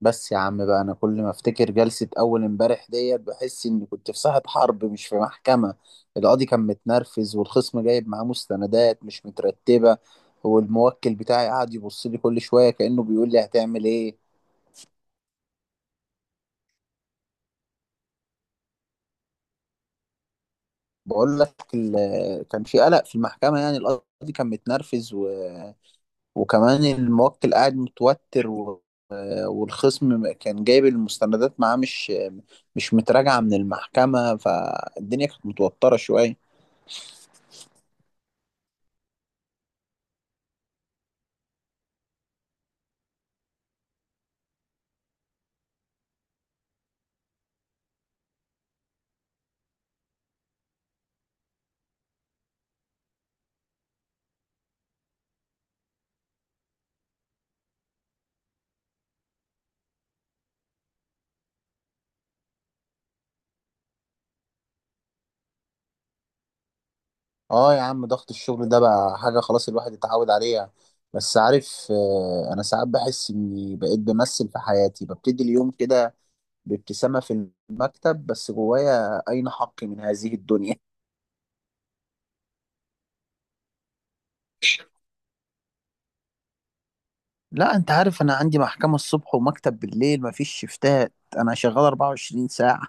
بس يا عم بقى، انا كل ما افتكر جلسة اول امبارح ديت بحس اني كنت في ساحة حرب مش في محكمة. القاضي كان متنرفز، والخصم جايب معاه مستندات مش مترتبة، والموكل بتاعي قاعد يبص لي كل شوية كأنه بيقول لي هتعمل ايه. بقول لك كان في قلق في المحكمة، يعني القاضي كان متنرفز و... وكمان الموكل قاعد متوتر و... والخصم كان جايب المستندات معاه مش متراجعة من المحكمة، فالدنيا كانت متوترة شوية. اه يا عم، ضغط الشغل ده بقى حاجة خلاص الواحد اتعود عليها. بس عارف، انا ساعات بحس اني بقيت بمثل في حياتي، ببتدي اليوم كده بابتسامة في المكتب، بس جوايا اين حقي من هذه الدنيا. لا انت عارف، انا عندي محكمة الصبح ومكتب بالليل، مفيش شفتات، انا شغال 24 ساعة.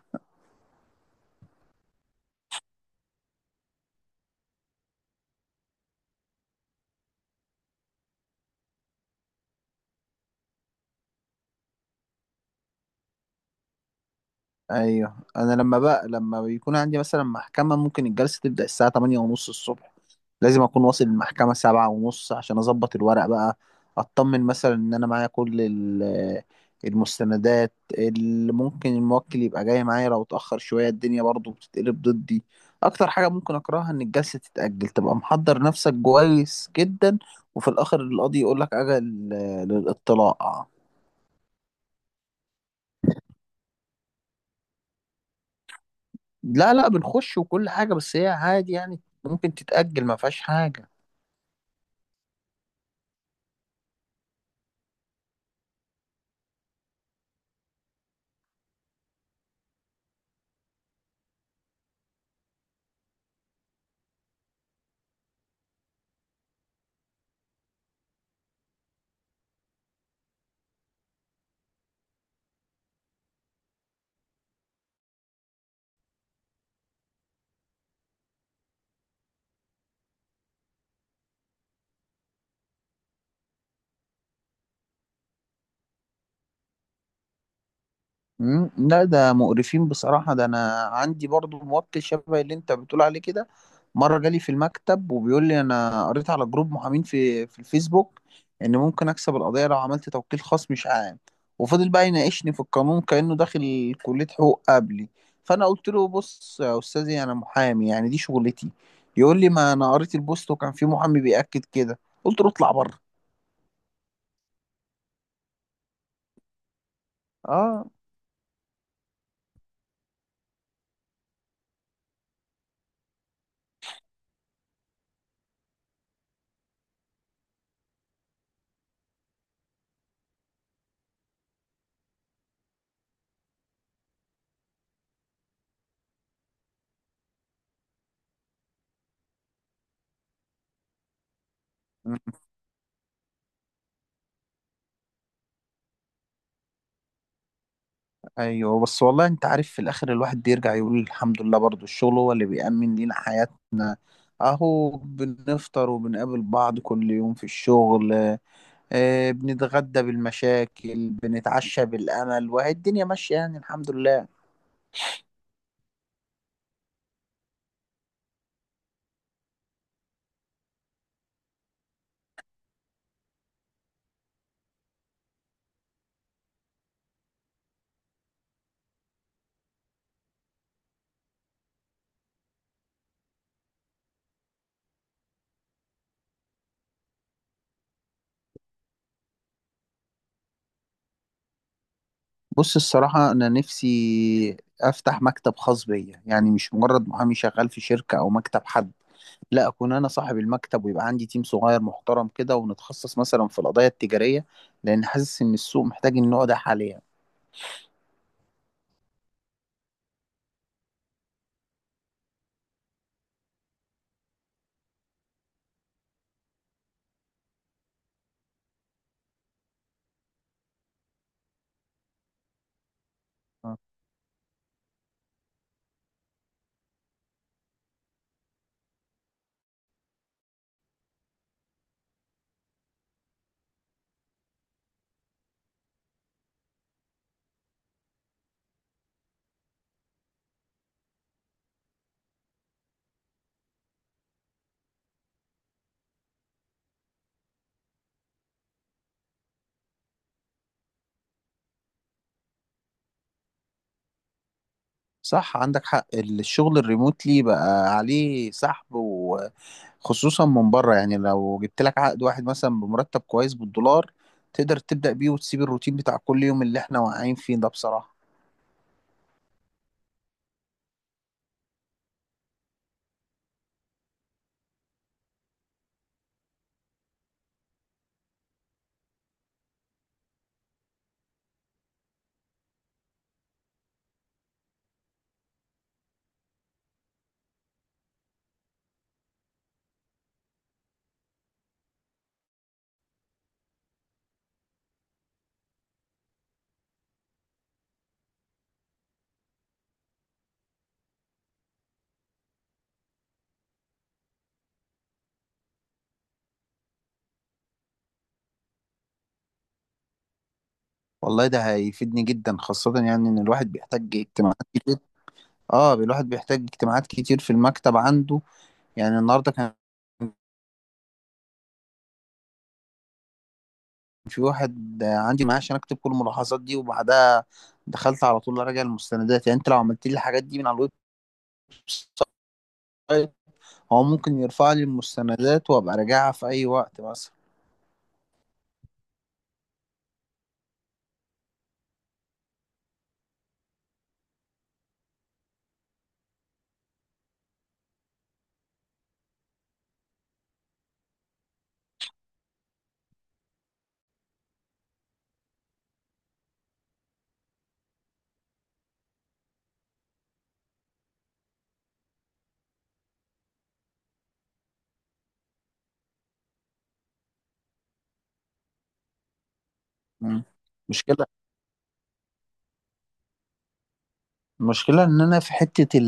ايوه انا لما بيكون عندي مثلا محكمة، ممكن الجلسة تبدأ الساعة 8 ونص الصبح. لازم اكون واصل المحكمة 7 ونص عشان اظبط الورق بقى، اطمن مثلا ان انا معايا كل المستندات، اللي ممكن الموكل يبقى جاي معايا. لو اتأخر شوية الدنيا برضو بتتقلب ضدي. اكتر حاجة ممكن اكرهها ان الجلسة تتأجل، تبقى محضر نفسك كويس جدا، وفي الاخر القاضي يقولك اجل للاطلاع. لا لا، بنخش وكل حاجة، بس هي عادي يعني ممكن تتأجل، ما فيهاش حاجة. مم، لا ده مقرفين بصراحة. ده أنا عندي برضو موبت شبه اللي أنت بتقول عليه كده. مرة جالي في المكتب وبيقول لي أنا قريت على جروب محامين في الفيسبوك، إن ممكن أكسب القضية لو عملت توكيل خاص مش عام. وفضل بقى يناقشني في القانون كأنه داخل كلية حقوق قبلي. فأنا قلت له بص يا أستاذي، أنا محامي يعني دي شغلتي. يقول لي ما أنا قريت البوست وكان في محامي بيأكد كده. قلت له اطلع بره. اه. مم. ايوه بس، والله انت عارف في الاخر الواحد بيرجع يقول الحمد لله، برضو الشغل هو اللي بيأمن لينا حياتنا، اهو بنفطر وبنقابل بعض كل يوم في الشغل. آه، بنتغدى بالمشاكل، بنتعشى بالامل، وهي الدنيا ماشية يعني الحمد لله. بص الصراحة انا نفسي افتح مكتب خاص بيا، يعني مش مجرد محامي شغال في شركة او مكتب حد، لا اكون انا صاحب المكتب، ويبقى عندي تيم صغير محترم كده، ونتخصص مثلا في القضايا التجارية، لان حاسس ان السوق محتاج النوع ده حاليا. آه. صح، عندك حق، الشغل الريموتلي بقى عليه سحب، وخصوصا من بره. يعني لو جبت لك عقد واحد مثلا بمرتب كويس بالدولار، تقدر تبدأ بيه وتسيب الروتين بتاع كل يوم اللي احنا واقعين فيه ده بصراحة. والله ده هيفيدني جدا، خاصة يعني ان الواحد بيحتاج اجتماعات كتير. اه الواحد بيحتاج اجتماعات كتير في المكتب عنده. يعني النهارده كان في واحد عندي معاه عشان اكتب كل الملاحظات دي، وبعدها دخلت على طول اراجع المستندات. يعني انت لو عملت لي الحاجات دي من على الويب سايت، هو ممكن يرفع لي المستندات، وابقى راجعها في اي وقت مثلا. مم. مشكلة. المشكلة ان انا في حتة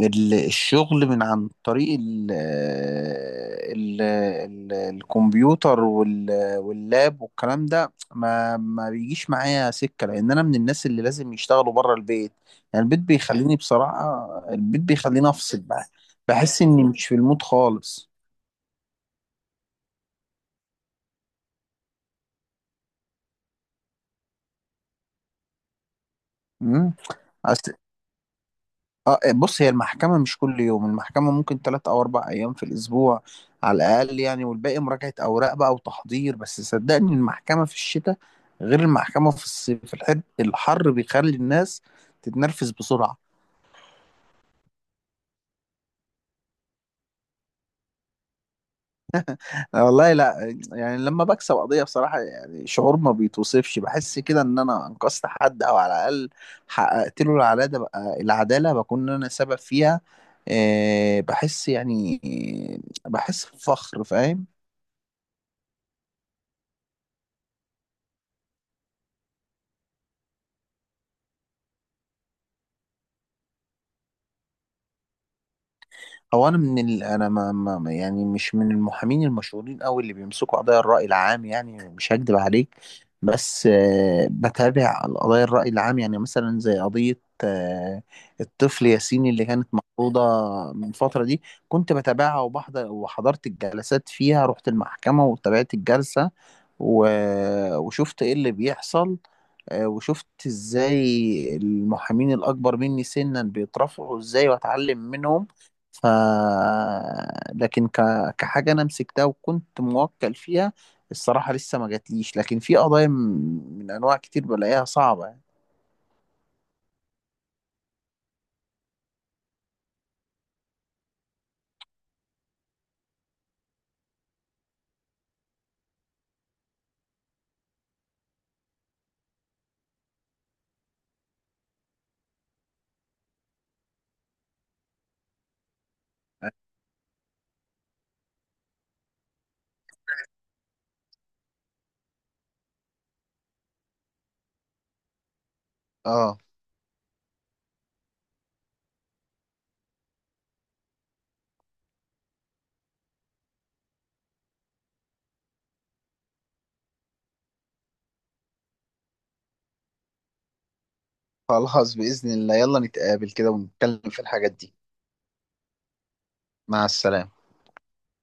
الشغل من عن طريق ال الكمبيوتر واللاب والكلام ده ما بيجيش معايا سكة، لأن أنا من الناس اللي لازم يشتغلوا بره البيت. يعني البيت بيخليني بصراحة، البيت بيخليني أفصل بقى، بحس إني مش في المود خالص. مم. اه، بص هي المحكمة مش كل يوم، المحكمة ممكن تلات أو أربع أيام في الأسبوع على الأقل يعني، والباقي مراجعة أوراق بقى وتحضير. بس صدقني المحكمة في الشتاء غير المحكمة في الصيف، الحر الحر بيخلي الناس تتنرفز بسرعة. أنا والله لا يعني لما بكسب قضية بصراحة، يعني شعور ما بيتوصفش، بحس كده إن أنا أنقذت حد، أو على الأقل حققت له العدالة بقى، العدالة بكون أنا سبب فيها. بحس يعني، بحس بفخر فاهم. هو انا من ال... انا ما... ما ما- يعني مش من المحامين المشهورين قوي اللي بيمسكوا قضايا الرأي العام، يعني مش هكدب عليك. بس بتابع قضايا الرأي العام، يعني مثلا زي قضية الطفل ياسين اللي كانت مفروضة من فترة دي. كنت بتابعها وبحضر، وحضرت الجلسات فيها، رحت المحكمة وتابعت الجلسة و... وشفت ايه اللي بيحصل. وشفت ازاي المحامين الاكبر مني سنا بيترفعوا ازاي، واتعلم منهم. ف لكن كحاجه انا مسكتها وكنت موكل فيها، الصراحه لسه ما جاتليش. لكن في قضايا من انواع كتير بلاقيها صعبه يعني. اه. خلاص بإذن الله، يلا نتقابل كده ونتكلم في الحاجات دي. مع السلامة.